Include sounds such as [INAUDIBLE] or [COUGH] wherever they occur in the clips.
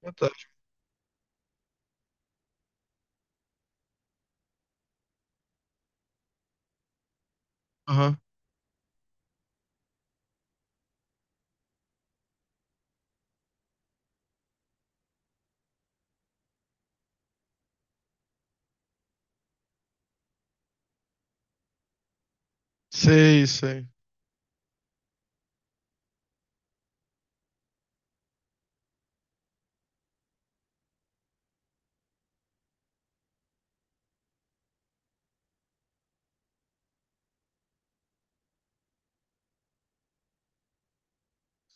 Fantástico. Aham. Sei, sei.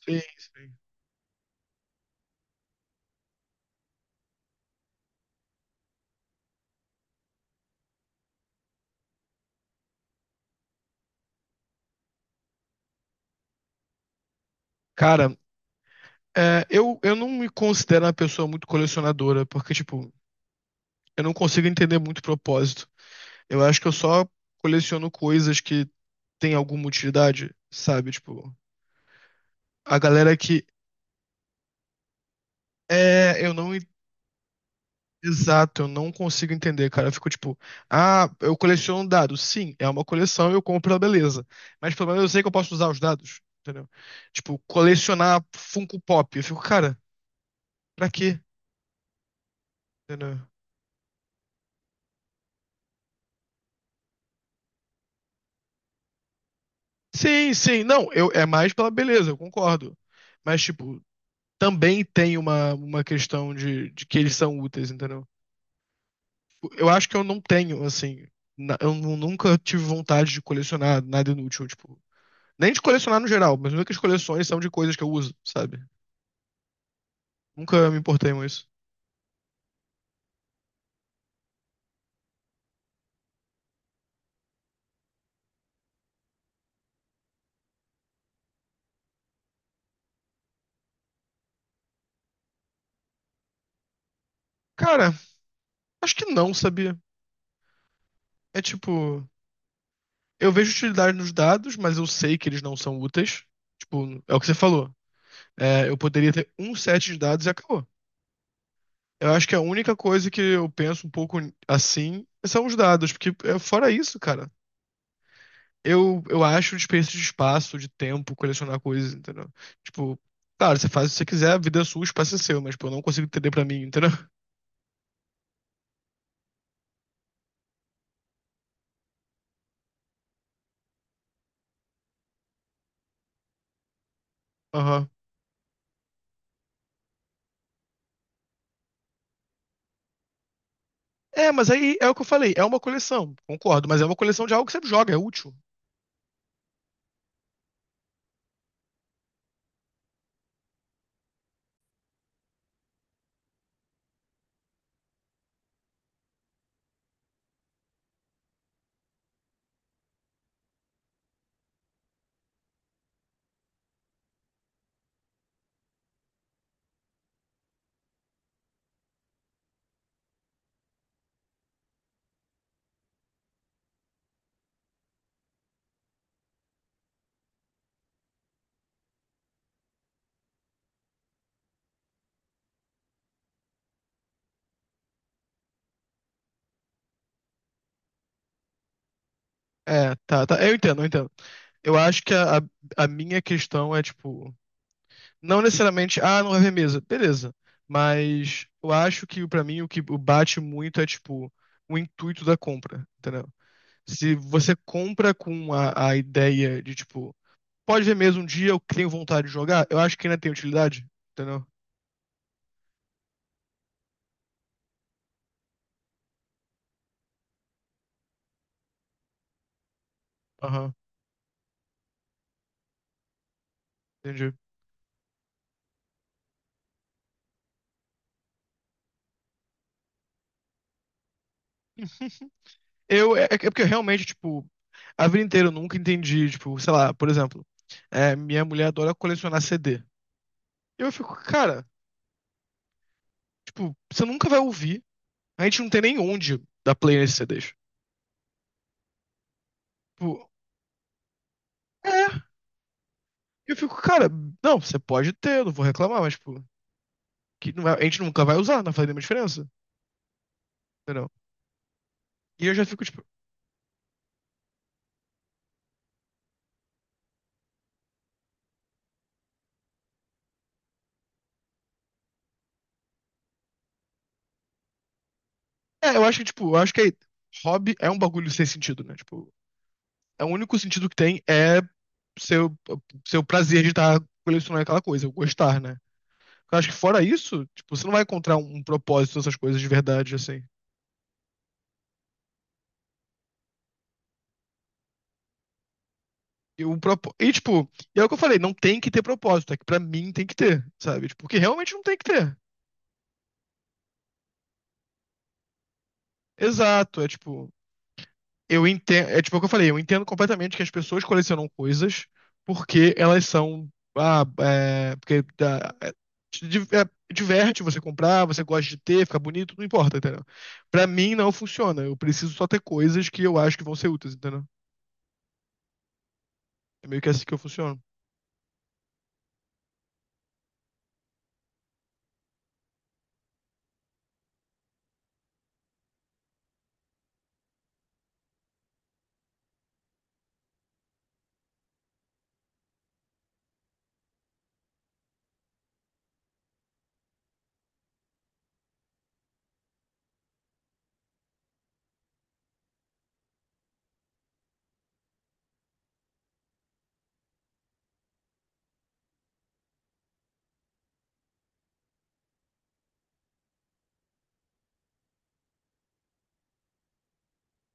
Sim, sim. Cara, eu não me considero uma pessoa muito colecionadora, porque, tipo, eu não consigo entender muito o propósito. Eu acho que eu só coleciono coisas que têm alguma utilidade, sabe? Tipo, a galera que. É, eu não. Exato, eu não consigo entender, cara. Eu fico tipo, ah, eu coleciono dados. Sim, é uma coleção, eu compro a beleza. Mas pelo menos eu sei que eu posso usar os dados, entendeu? Tipo, colecionar Funko Pop. Eu fico, cara. Pra quê? Entendeu? Sim, sim. Não, eu, é mais pela beleza, eu concordo. Mas, tipo, também tem uma questão de que eles são úteis, entendeu? Eu acho que eu não tenho, assim. Eu nunca tive vontade de colecionar nada inútil, tipo. Nem de colecionar no geral, mas nunca as coleções são de coisas que eu uso, sabe? Nunca me importei com isso. Cara, acho que não, sabia? É tipo. Eu vejo utilidade nos dados, mas eu sei que eles não são úteis. Tipo, é o que você falou. É, eu poderia ter um set de dados e acabou. Eu acho que a única coisa que eu penso um pouco assim são os dados, porque é, fora isso, cara, eu acho desperdício de espaço, de tempo, colecionar coisas, entendeu? Tipo, claro, você faz o que você quiser, a vida é sua, o espaço é seu, mas, pô, eu não consigo entender pra mim, entendeu? [LAUGHS] Aham. É, mas aí é o que eu falei, é uma coleção, concordo, mas é uma coleção de algo que você joga, é útil. É, tá, tá, eu entendo, eu entendo. Eu acho que a minha questão é, tipo, não necessariamente, ah, não vai ver mesa. Beleza. Mas eu acho que pra mim o que bate muito é tipo o intuito da compra, entendeu? Se você compra com a ideia de tipo, pode ver mesa um dia, eu tenho vontade de jogar, eu acho que ainda tem utilidade, entendeu? Aham, entendi. [LAUGHS] Eu, é porque eu realmente, tipo, a vida inteira eu nunca entendi, tipo, sei lá, por exemplo, é, minha mulher adora colecionar CD. Eu fico, cara, tipo, você nunca vai ouvir, a gente não tem nem onde dar play nesses CDs. Tipo, é. Eu fico, cara, não, você pode ter, eu não vou reclamar, mas, tipo, que não é- a gente nunca vai usar, não faz nenhuma diferença, entendeu? E eu já fico, tipo, é, eu acho que, tipo, eu acho que aí, hobby é um bagulho sem sentido, né? Tipo, é o único sentido que tem é seu, seu prazer de estar colecionando aquela coisa, o gostar, né? Eu acho que fora isso, tipo, você não vai encontrar um propósito nessas coisas de verdade, assim. E, e tipo, e é o que eu falei, não tem que ter propósito, é que pra mim tem que ter, sabe? Tipo, porque realmente não tem que ter. Exato, é tipo, eu entendo, é tipo o que eu falei, eu entendo completamente que as pessoas colecionam coisas porque elas são, ah, é, porque dá- é, te di- é, diverte você comprar, você gosta de ter, fica bonito, não importa, entendeu? Pra mim não funciona, eu preciso só ter coisas que eu acho que vão ser úteis, entendeu? É meio que assim que eu funciono.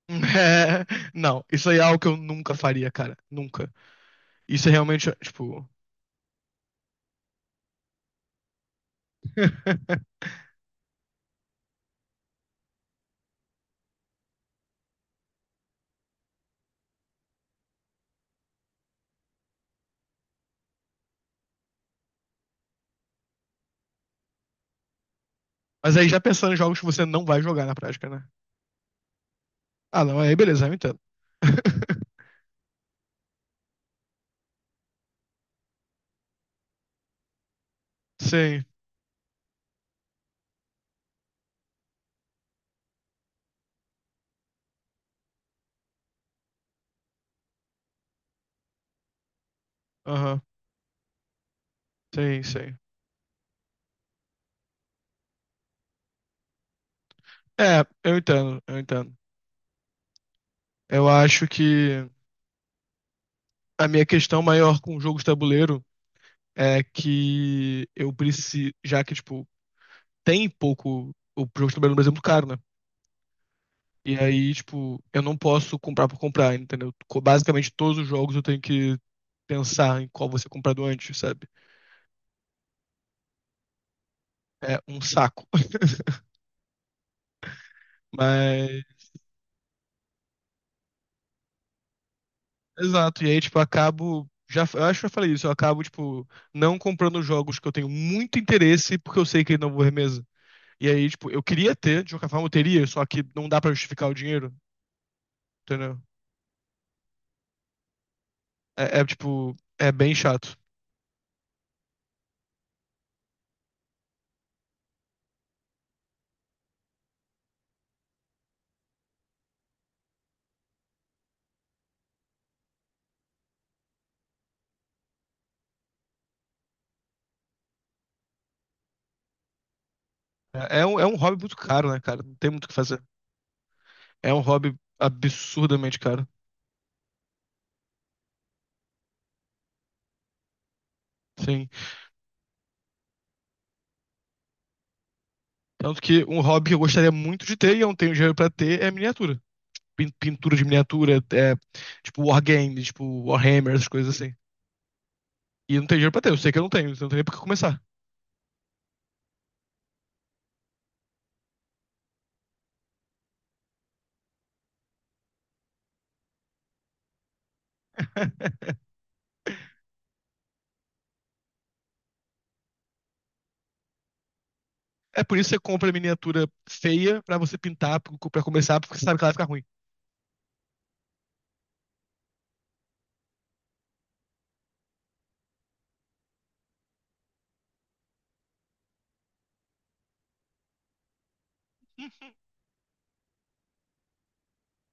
[LAUGHS] Não, isso aí é algo que eu nunca faria, cara, nunca. Isso é realmente, tipo... [LAUGHS] Mas aí já pensando em jogos que você não vai jogar na prática, né? Ah, não, aí beleza, eu entendo. [LAUGHS] Sim, aham. Sim, sim. É, eu entendo, eu entendo. Eu acho que a minha questão maior com jogos de tabuleiro é que eu preciso, já que, tipo, tem pouco o jogo de tabuleiro no Brasil é muito caro, né? E aí, tipo, eu não posso comprar por comprar, entendeu? Basicamente, todos os jogos eu tenho que pensar em qual você comprado antes, sabe? É um saco. [LAUGHS] Mas, exato. E aí, tipo, eu acho que eu falei isso. Eu acabo, tipo, não comprando jogos que eu tenho muito interesse porque eu sei que não vou remesa. E aí, tipo, eu queria ter, de qualquer forma eu teria, só que não dá pra justificar o dinheiro, entendeu? Tipo, é bem chato. É um hobby muito caro, né, cara? Não tem muito o que fazer. É um hobby absurdamente caro. Sim. Tanto que um hobby que eu gostaria muito de ter e eu não tenho dinheiro pra ter é miniatura. Pintura de miniatura, é, tipo wargame, tipo Warhammer, essas coisas assim. E eu não tenho dinheiro pra ter, eu sei que eu não tenho, então não tem nem por que começar. [LAUGHS] É por isso que você compra miniatura feia pra você pintar, pra começar, porque você sabe que ela vai ficar ruim.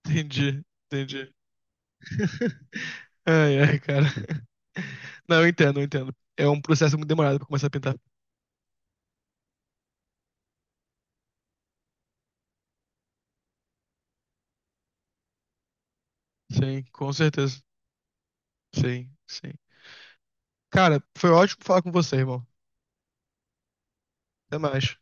Entendi, entendi. [LAUGHS] Ai, ai, cara. Não, eu entendo, eu entendo. É um processo muito demorado pra começar a pintar. Sim, com certeza. Sim, sim. Cara, foi ótimo falar com você, irmão. Até mais.